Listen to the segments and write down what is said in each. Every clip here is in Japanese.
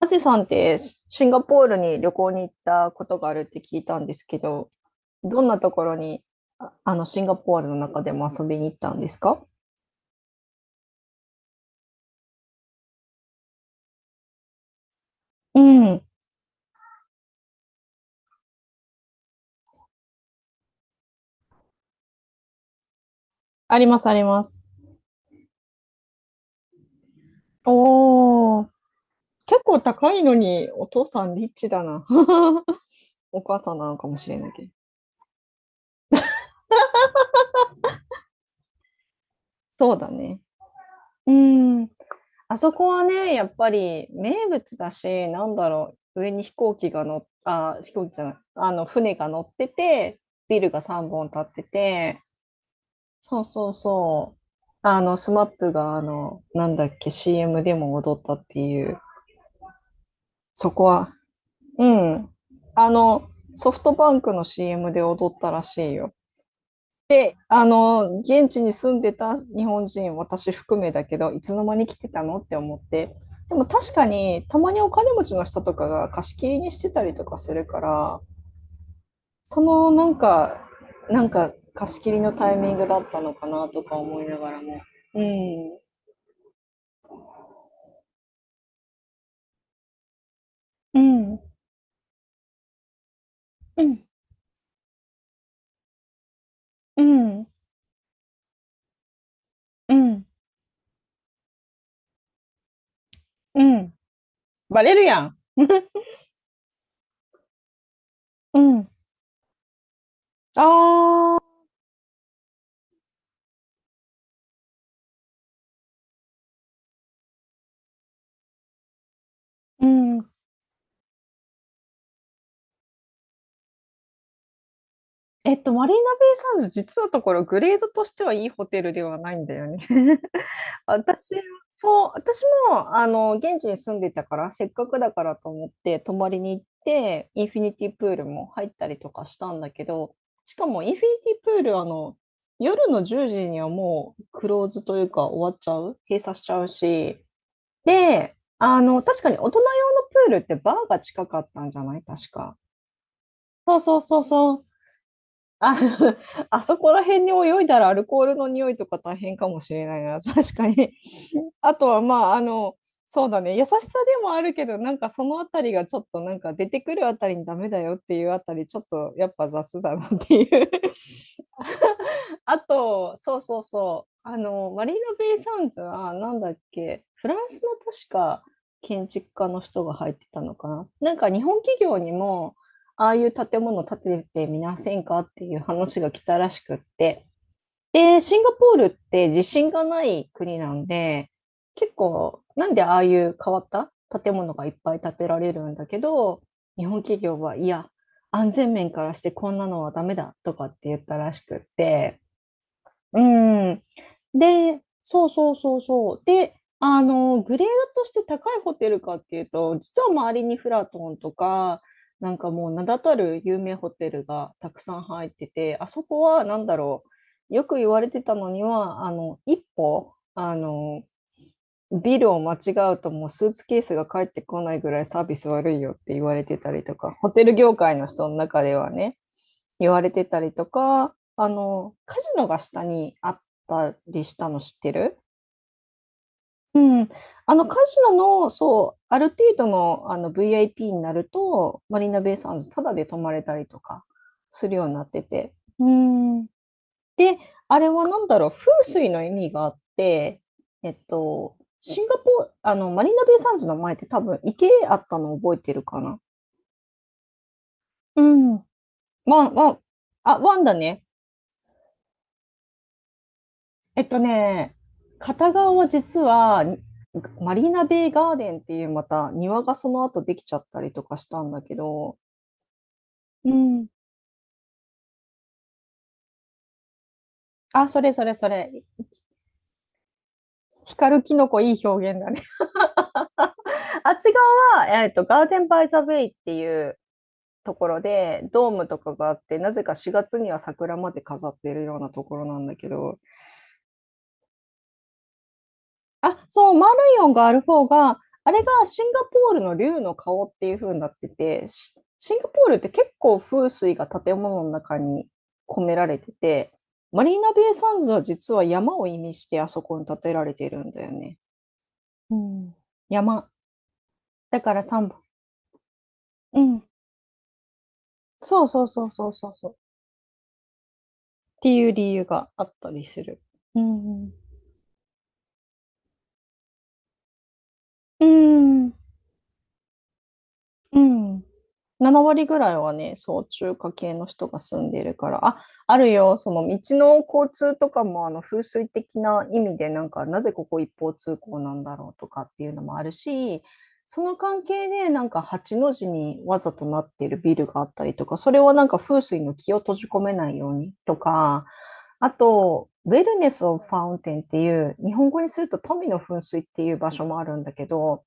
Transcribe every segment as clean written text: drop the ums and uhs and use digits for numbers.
アジさんってシンガポールに旅行に行ったことがあるって聞いたんですけど、どんなところに、シンガポールの中でも遊びに行ったんですか？うん、ありますあります。おー、結構高いのにお父さんリッチだな。お母さんなのかもしれないけど。そうだね。うん、あそこはね、やっぱり名物だし、なんだろう、上に飛行機が乗っ、あ、飛行機じゃない、あの船が乗ってて、ビルが3本立ってて、そうそうそう。スマップが、なんだっけ、CM でも踊ったっていう、そこは、うん。あの、ソフトバンクの CM で踊ったらしいよ。現地に住んでた日本人、私含めだけど、いつの間に来てたのって思って。でも確かに、たまにお金持ちの人とかが貸し切りにしてたりとかするから、そのなんか、なんか貸し切りのタイミングだったのかなとか思いながらも。うん。うんうん、うん、うん、うん。バレるやん。うん。ああ。うん。マリーナベイ・サンズ、実のところ、グレードとしてはいいホテルではないんだよね。私は、そう、私も、現地に住んでたから、せっかくだからと思って、泊まりに行って、インフィニティプールも入ったりとかしたんだけど、しかも、インフィニティプール、夜の10時にはもう、クローズというか、終わっちゃう、閉鎖しちゃうし、で、確かに大人用のプールってバーが近かったんじゃない、確か。そうそうそうそう。あ、あそこら辺に泳いだらアルコールの匂いとか大変かもしれないな、確かに。あとは、まあ、そうだね、優しさでもあるけど、なんかそのあたりがちょっとなんか出てくるあたりにダメだよっていうあたり、ちょっとやっぱ雑だなっていう。 あと、そうそうそう、マリーナベイサンズはなんだっけ、フランスの確か建築家の人が入ってたのかな。なんか日本企業にも、ああいう建物建ててみませんかっていう話が来たらしくって。で、シンガポールって地震がない国なんで、結構、なんでああいう変わった建物がいっぱい建てられるんだけど、日本企業は、いや、安全面からしてこんなのはダメだとかって言ったらしくって。うん。で、そうそうそうそう。で、グレードとして高いホテルかっていうと、実は周りにフラトンとか、なんかもう名だたる有名ホテルがたくさん入ってて、あそこは何だろう、よく言われてたのには、一歩、ビルを間違うともうスーツケースが返ってこないぐらいサービス悪いよって言われてたりとか、ホテル業界の人の中ではね。言われてたりとか、カジノが下にあったりしたの知ってる？うん。あのカジノの、そう、ある程度のVIP になると、マリーナベイサンズタダで泊まれたりとかするようになってて。うん。で、あれは何だろう、風水の意味があって、えっと、シンガポール、マリーナベイサンズの前って多分池あったの覚えてるかな？うん。ワンワン、あ、ワンだね。えっとね、片側は実は、マリーナベイガーデンっていうまた庭がその後できちゃったりとかしたんだけど。うん。あ、それそれそれ。光るキノコいい表現だね。あっち側は、ガーデンバイザベイっていうところで、ドームとかがあって、なぜか4月には桜まで飾っているようなところなんだけど。あ、そう、マーライオンがある方が、あれがシンガポールの竜の顔っていう風になってて、シンガポールって結構風水が建物の中に込められてて、マリーナベイサンズは実は山を意味してあそこに建てられているんだよね。うん。山。だから3本。うん。そうそうそうそうそうそう。っていう理由があったりする。うんうん。うん。うん。7割ぐらいはね、そう、中華系の人が住んでいるから、あ、あるよ、その道の交通とかも、風水的な意味で、なんか、なぜここ一方通行なんだろうとかっていうのもあるし、その関係で、なんか、八の字にわざとなっているビルがあったりとか、それはなんか風水の気を閉じ込めないようにとか、あと、ウェルネス・オブ・ファウンテンっていう、日本語にすると富の噴水っていう場所もあるんだけど、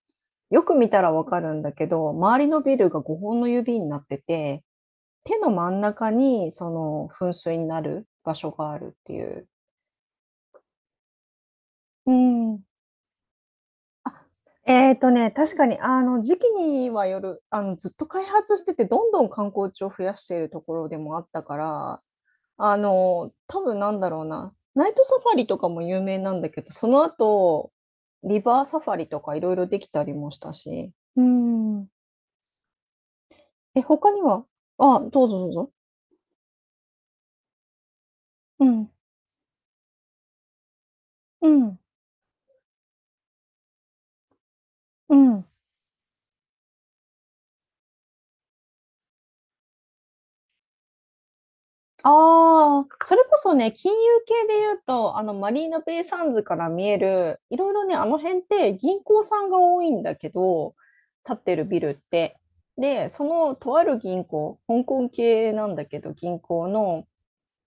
よく見たらわかるんだけど、周りのビルが5本の指になってて、手の真ん中にその噴水になる場所があるっていう。うん。あ、確かにあの時期にはよる、ずっと開発してて、どんどん観光地を増やしているところでもあったから、多分なんだろうな、ナイトサファリとかも有名なんだけど、その後、リバーサファリとかいろいろできたりもしたし。うーん。え、他には、あ、どうぞどうぞ。うん、うん、うん。ああ、それこそね、金融系で言うと、マリーナベイサンズから見える、いろいろね、あの辺って銀行さんが多いんだけど、建ってるビルって。で、そのとある銀行、香港系なんだけど、銀行の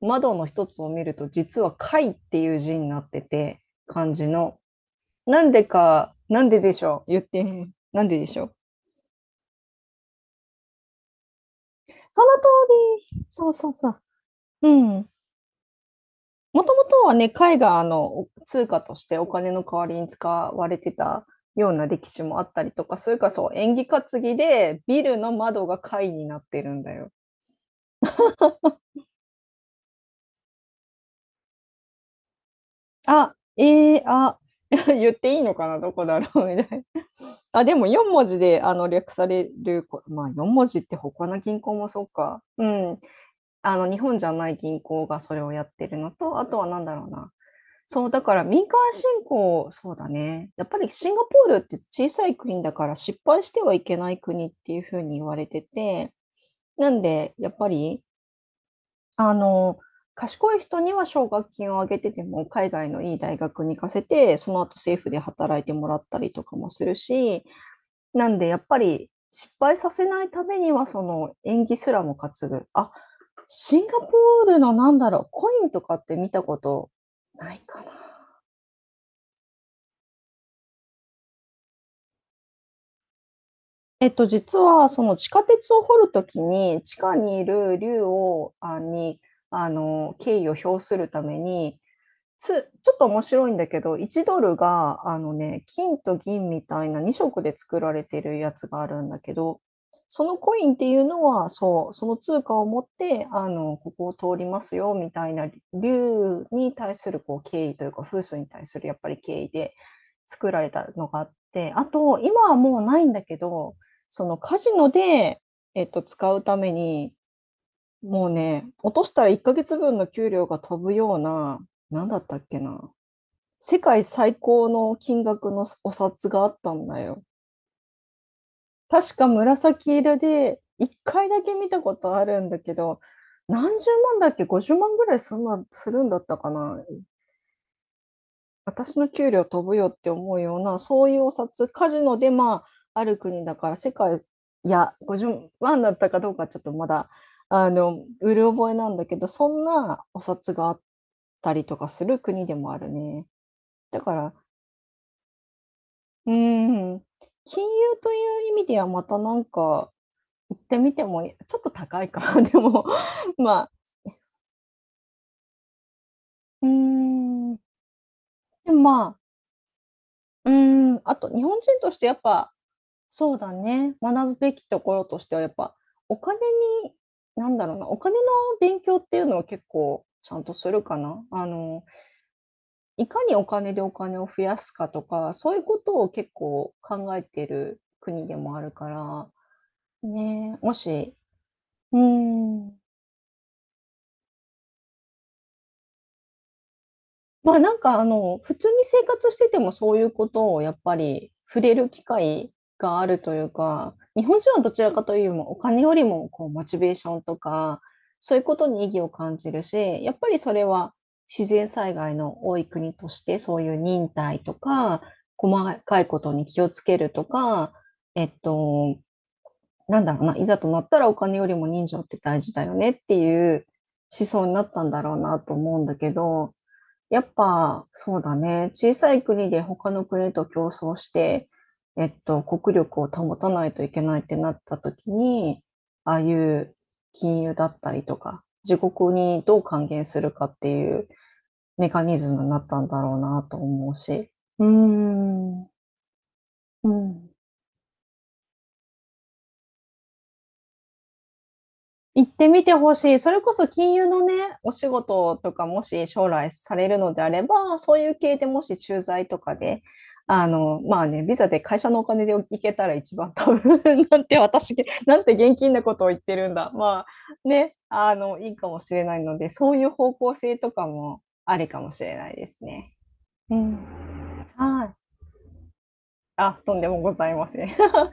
窓の一つを見ると、実は貝っていう字になってて、漢字の。なんでか、なんででしょう、言って、なんででしょう。その通り。そうそうそう。うん。もともとはね、貝が通貨としてお金の代わりに使われてたような歴史もあったりとか、それからそう、縁起担ぎでビルの窓が貝になってるんだよ。あ、ええ、あ、言っていいのかな、どこだろうみたいな。あ、でも4文字であの略されるこ、まあ4文字って他の銀行もそうか。うん。あの日本じゃない銀行がそれをやってるのと、あとはなんだろうな。そう、だから民間信仰、そうだね。やっぱりシンガポールって小さい国だから失敗してはいけない国っていうふうに言われてて、なんで、やっぱり、あの、賢い人には奨学金をあげてても、海外のいい大学に行かせて、その後政府で働いてもらったりとかもするし、なんでやっぱり失敗させないためには、その縁起すらも担ぐ。あ、シンガポールのなんだろう、コインとかって見たことないかな。実はその地下鉄を掘るときに、地下にいる竜をあに、あの、敬意を表するために、ちょっと面白いんだけど、1ドルが、金と銀みたいな2色で作られてるやつがあるんだけど、そのコインっていうのは、そう、その通貨を持って、ここを通りますよ、みたいな、竜に対する、こう、敬意というか、風水に対する、やっぱり敬意で作られたのがあって、あと、今はもうないんだけど、そのカジノで、使うために、もうね、落としたら1ヶ月分の給料が飛ぶような、なんだったっけな、世界最高の金額のお札があったんだよ。確か紫色で、1回だけ見たことあるんだけど、何十万だっけ、50万ぐらいそんなするんだったかな。私の給料飛ぶよって思うような、そういうお札、カジノで、まあ、ある国だからいや、50万だったかどうかちょっとまだ、うる覚えなんだけど、そんなお札があったりとかする国でもあるね。だから、うーん、金融という意味ではまたなんか行ってみてもいいちょっと高いか、でも、まあ、でも、まあ、うーあと日本人としてやっぱそうだね。学ぶべきところとしてはやっぱ、お金に、なんだろうな、お金の勉強っていうのは結構ちゃんとするかな。いかにお金でお金を増やすかとか、そういうことを結構考えてる国でもあるから、ねえ、うん。まあ、なんか、普通に生活しててもそういうことをやっぱり触れる機会があるというか、日本人はどちらかというよりもお金よりもこうモチベーションとか、そういうことに意義を感じるし、やっぱりそれは自然災害の多い国として、そういう忍耐とか、細かいことに気をつけるとか、えっと、なんだろうな、いざとなったらお金よりも人情って大事だよねっていう思想になったんだろうなと思うんだけど、やっぱ、そうだね。小さい国で他の国と競争して、国力を保たないといけないってなった時に、ああいう金融だったりとか、自国にどう還元するかっていうメカニズムになったんだろうなと思うし。うーん、うん。行ってみてほしい。それこそ金融のね、お仕事とかもし将来されるのであれば、そういう系でもし駐在とかで、まあね、ビザで会社のお金で行けたら一番多分 なんて私、なんて現金なことを言ってるんだ。まあね、いいかもしれないので、そういう方向性とかもありかもしれないですね。うん。はい。あ、とんでもございません。